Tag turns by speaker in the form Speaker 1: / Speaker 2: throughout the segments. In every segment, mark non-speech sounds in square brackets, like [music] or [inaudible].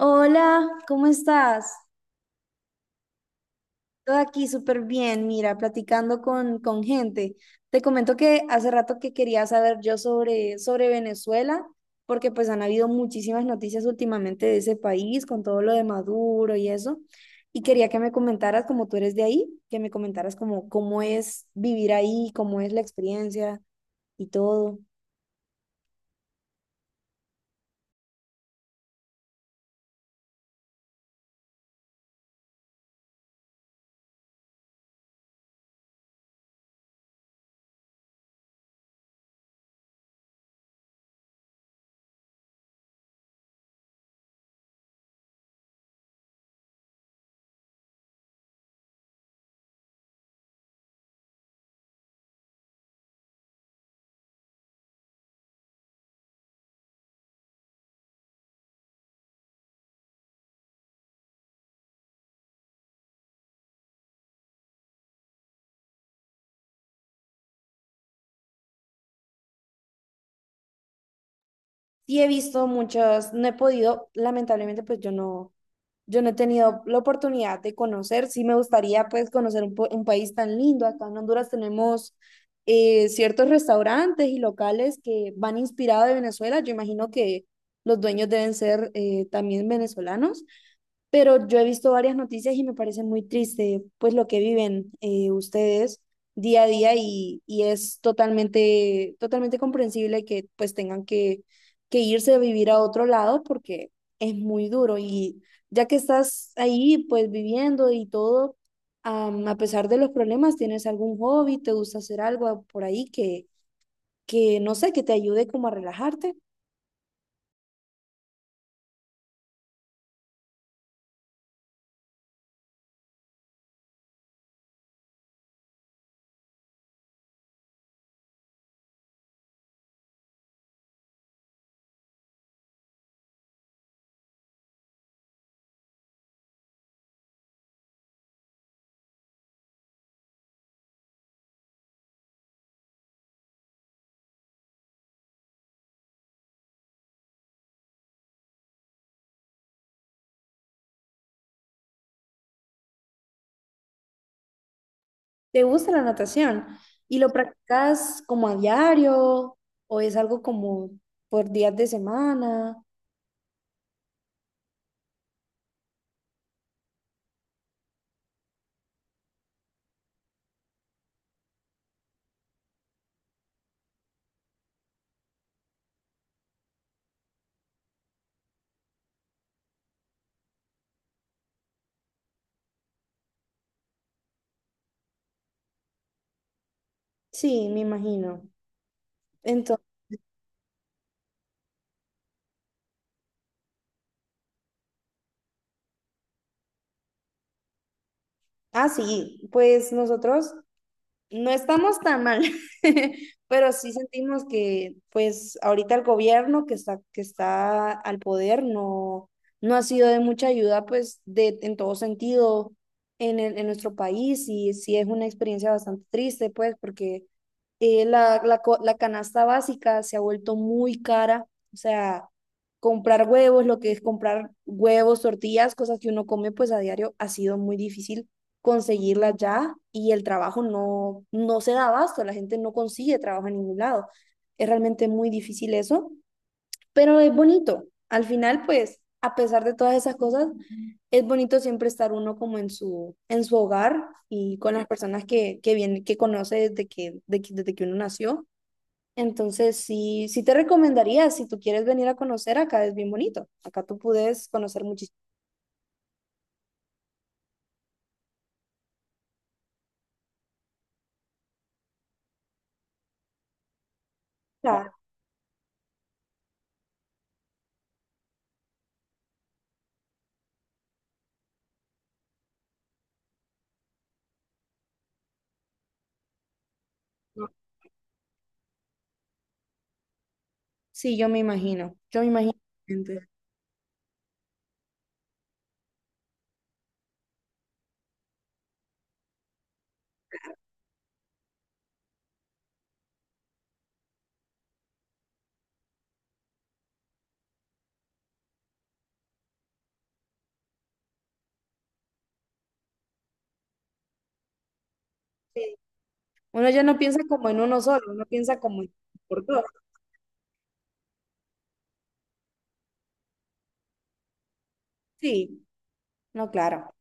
Speaker 1: Hola, ¿cómo estás? Todo aquí súper bien, mira, platicando con gente. Te comento que hace rato que quería saber yo sobre Venezuela, porque pues han habido muchísimas noticias últimamente de ese país, con todo lo de Maduro y eso. Y quería que me comentaras, como tú eres de ahí, que me comentaras como cómo es vivir ahí, cómo es la experiencia y todo. Sí he visto muchos, no he podido, lamentablemente pues yo no he tenido la oportunidad de conocer, sí me gustaría pues conocer un país tan lindo. Acá en Honduras tenemos ciertos restaurantes y locales que van inspirados de Venezuela. Yo imagino que los dueños deben ser también venezolanos, pero yo he visto varias noticias y me parece muy triste pues lo que viven ustedes día a día, y es totalmente, totalmente comprensible que pues tengan que irse a vivir a otro lado porque es muy duro. Y ya que estás ahí pues viviendo y todo, a pesar de los problemas, ¿tienes algún hobby, te gusta hacer algo por ahí que no sé, que te ayude como a relajarte? ¿Te gusta la natación? ¿Y lo practicas como a diario o es algo como por días de semana? Sí, me imagino. Entonces, ah, sí, pues nosotros no estamos tan mal, [laughs] pero sí sentimos que, pues, ahorita el gobierno que está al poder no, no ha sido de mucha ayuda, pues, en todo sentido en en nuestro país. Y sí es una experiencia bastante triste, pues, porque la canasta básica se ha vuelto muy cara. O sea, comprar huevos, lo que es comprar huevos, tortillas, cosas que uno come, pues, a diario ha sido muy difícil conseguirla ya. Y el trabajo no se da abasto, la gente no consigue trabajo en ningún lado. Es realmente muy difícil eso, pero es bonito. Al final, pues, a pesar de todas esas cosas, es bonito siempre estar uno como en su hogar y con las personas que conoce desde que uno nació. Entonces, sí, sí te recomendaría, si tú quieres venir a conocer, acá es bien bonito. Acá tú puedes conocer muchísimas. Sí, yo me imagino, yo me imagino. Gente. Uno ya no piensa como en uno solo, uno piensa como en por dos. Sí, no, claro.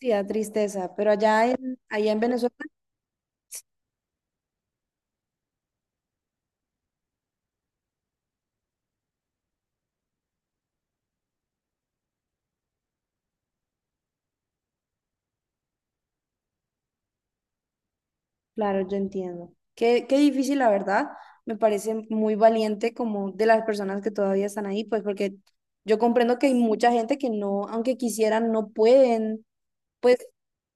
Speaker 1: Sí, da tristeza, pero allá allá en Venezuela, claro, yo entiendo. Qué difícil, la verdad. Me parece muy valiente como de las personas que todavía están ahí, pues porque yo comprendo que hay mucha gente que no, aunque quisieran, no pueden, pues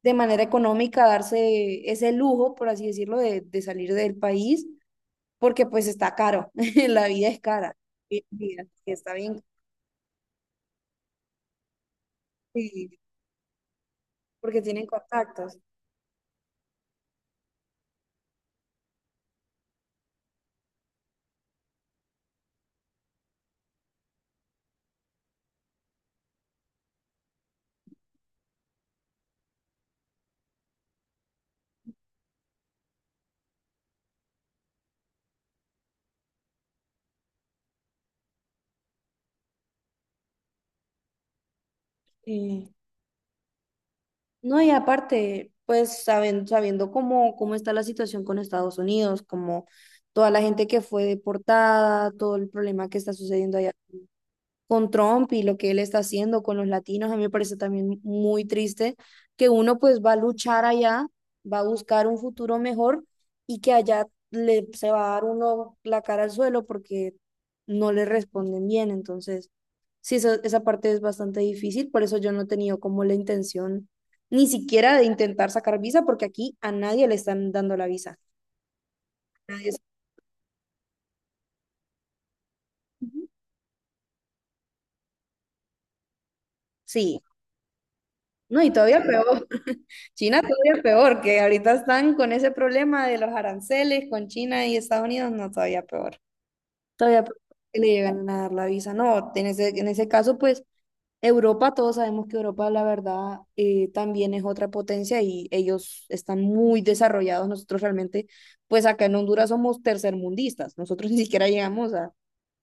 Speaker 1: de manera económica darse ese lujo, por así decirlo, de salir del país, porque pues está caro, [laughs] la vida es cara. Sí y está bien. Sí. Porque tienen contactos. Y, no, y aparte, pues saben, sabiendo cómo está la situación con Estados Unidos, como toda la gente que fue deportada, todo el problema que está sucediendo allá con Trump y lo que él está haciendo con los latinos. A mí me parece también muy triste que uno pues va a luchar allá, va a buscar un futuro mejor, y que allá se va a dar uno la cara al suelo porque no le responden bien. Entonces, sí, esa parte es bastante difícil, por eso yo no he tenido como la intención ni siquiera de intentar sacar visa porque aquí a nadie le están dando la visa. Nadie es-. Ujú. Sí. No, y todavía peor. [laughs] China todavía peor, que ahorita están con ese problema de los aranceles con China y Estados Unidos, no, todavía peor. Todavía peor que le llegan a dar la visa. No, en ese, caso, pues Europa, todos sabemos que Europa, la verdad, también es otra potencia y ellos están muy desarrollados. Nosotros realmente, pues acá en Honduras somos tercermundistas. Nosotros ni siquiera llegamos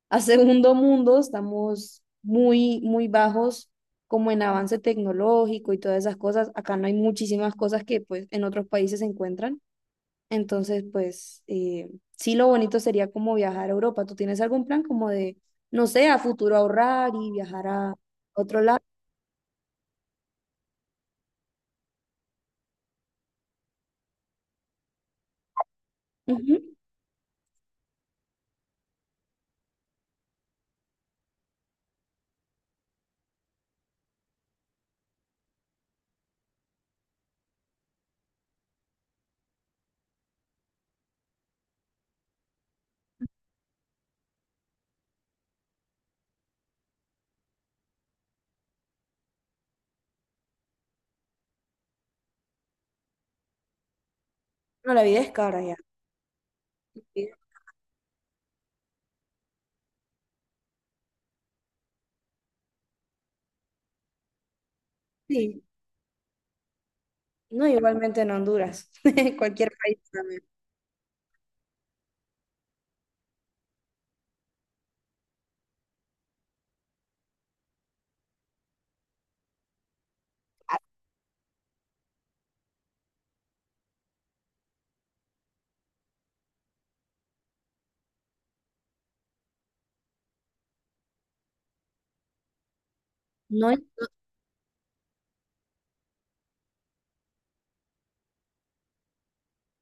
Speaker 1: a segundo mundo, estamos muy, muy bajos como en avance tecnológico y todas esas cosas. Acá no hay muchísimas cosas que pues en otros países se encuentran. Entonces, pues sí, lo bonito sería como viajar a Europa. ¿Tú tienes algún plan como de, no sé, a futuro ahorrar y viajar a otro lado? Ujú. No, la vida es cara ya. Sí, no, igualmente en Honduras, [laughs] cualquier país también. No.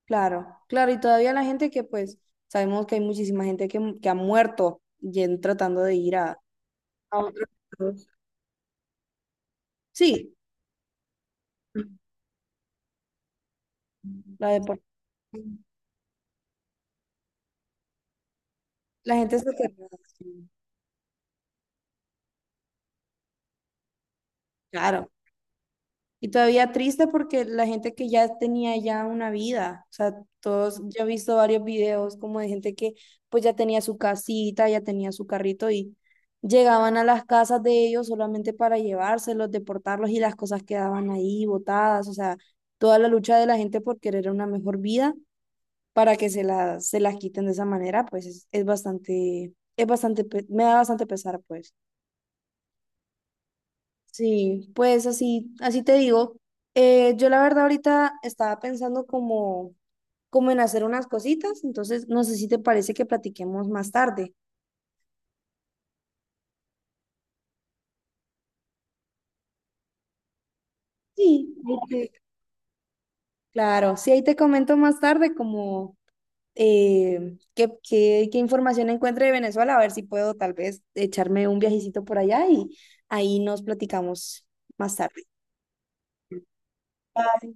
Speaker 1: Claro, claro, y todavía la gente que pues sabemos que hay muchísima gente que ha muerto y tratando de ir a otros estados. Sí, la depor-. La gente se queda. Claro. Y todavía triste porque la gente que ya tenía ya una vida, o sea, todos, yo he visto varios videos como de gente que pues ya tenía su casita, ya tenía su carrito, y llegaban a las casas de ellos solamente para llevárselos, deportarlos, y las cosas quedaban ahí botadas. O sea, toda la lucha de la gente por querer una mejor vida para que se la, se las quiten de esa manera, pues es bastante, es bastante, me da bastante pesar, pues. Sí, pues así, así te digo. Yo la verdad ahorita estaba pensando como en hacer unas cositas, entonces no sé si te parece que platiquemos más tarde. Sí, ahí te-. Claro, sí, ahí te comento más tarde como qué información encuentre de Venezuela, a ver si puedo tal vez echarme un viajecito por allá y ahí nos platicamos más tarde. Bye.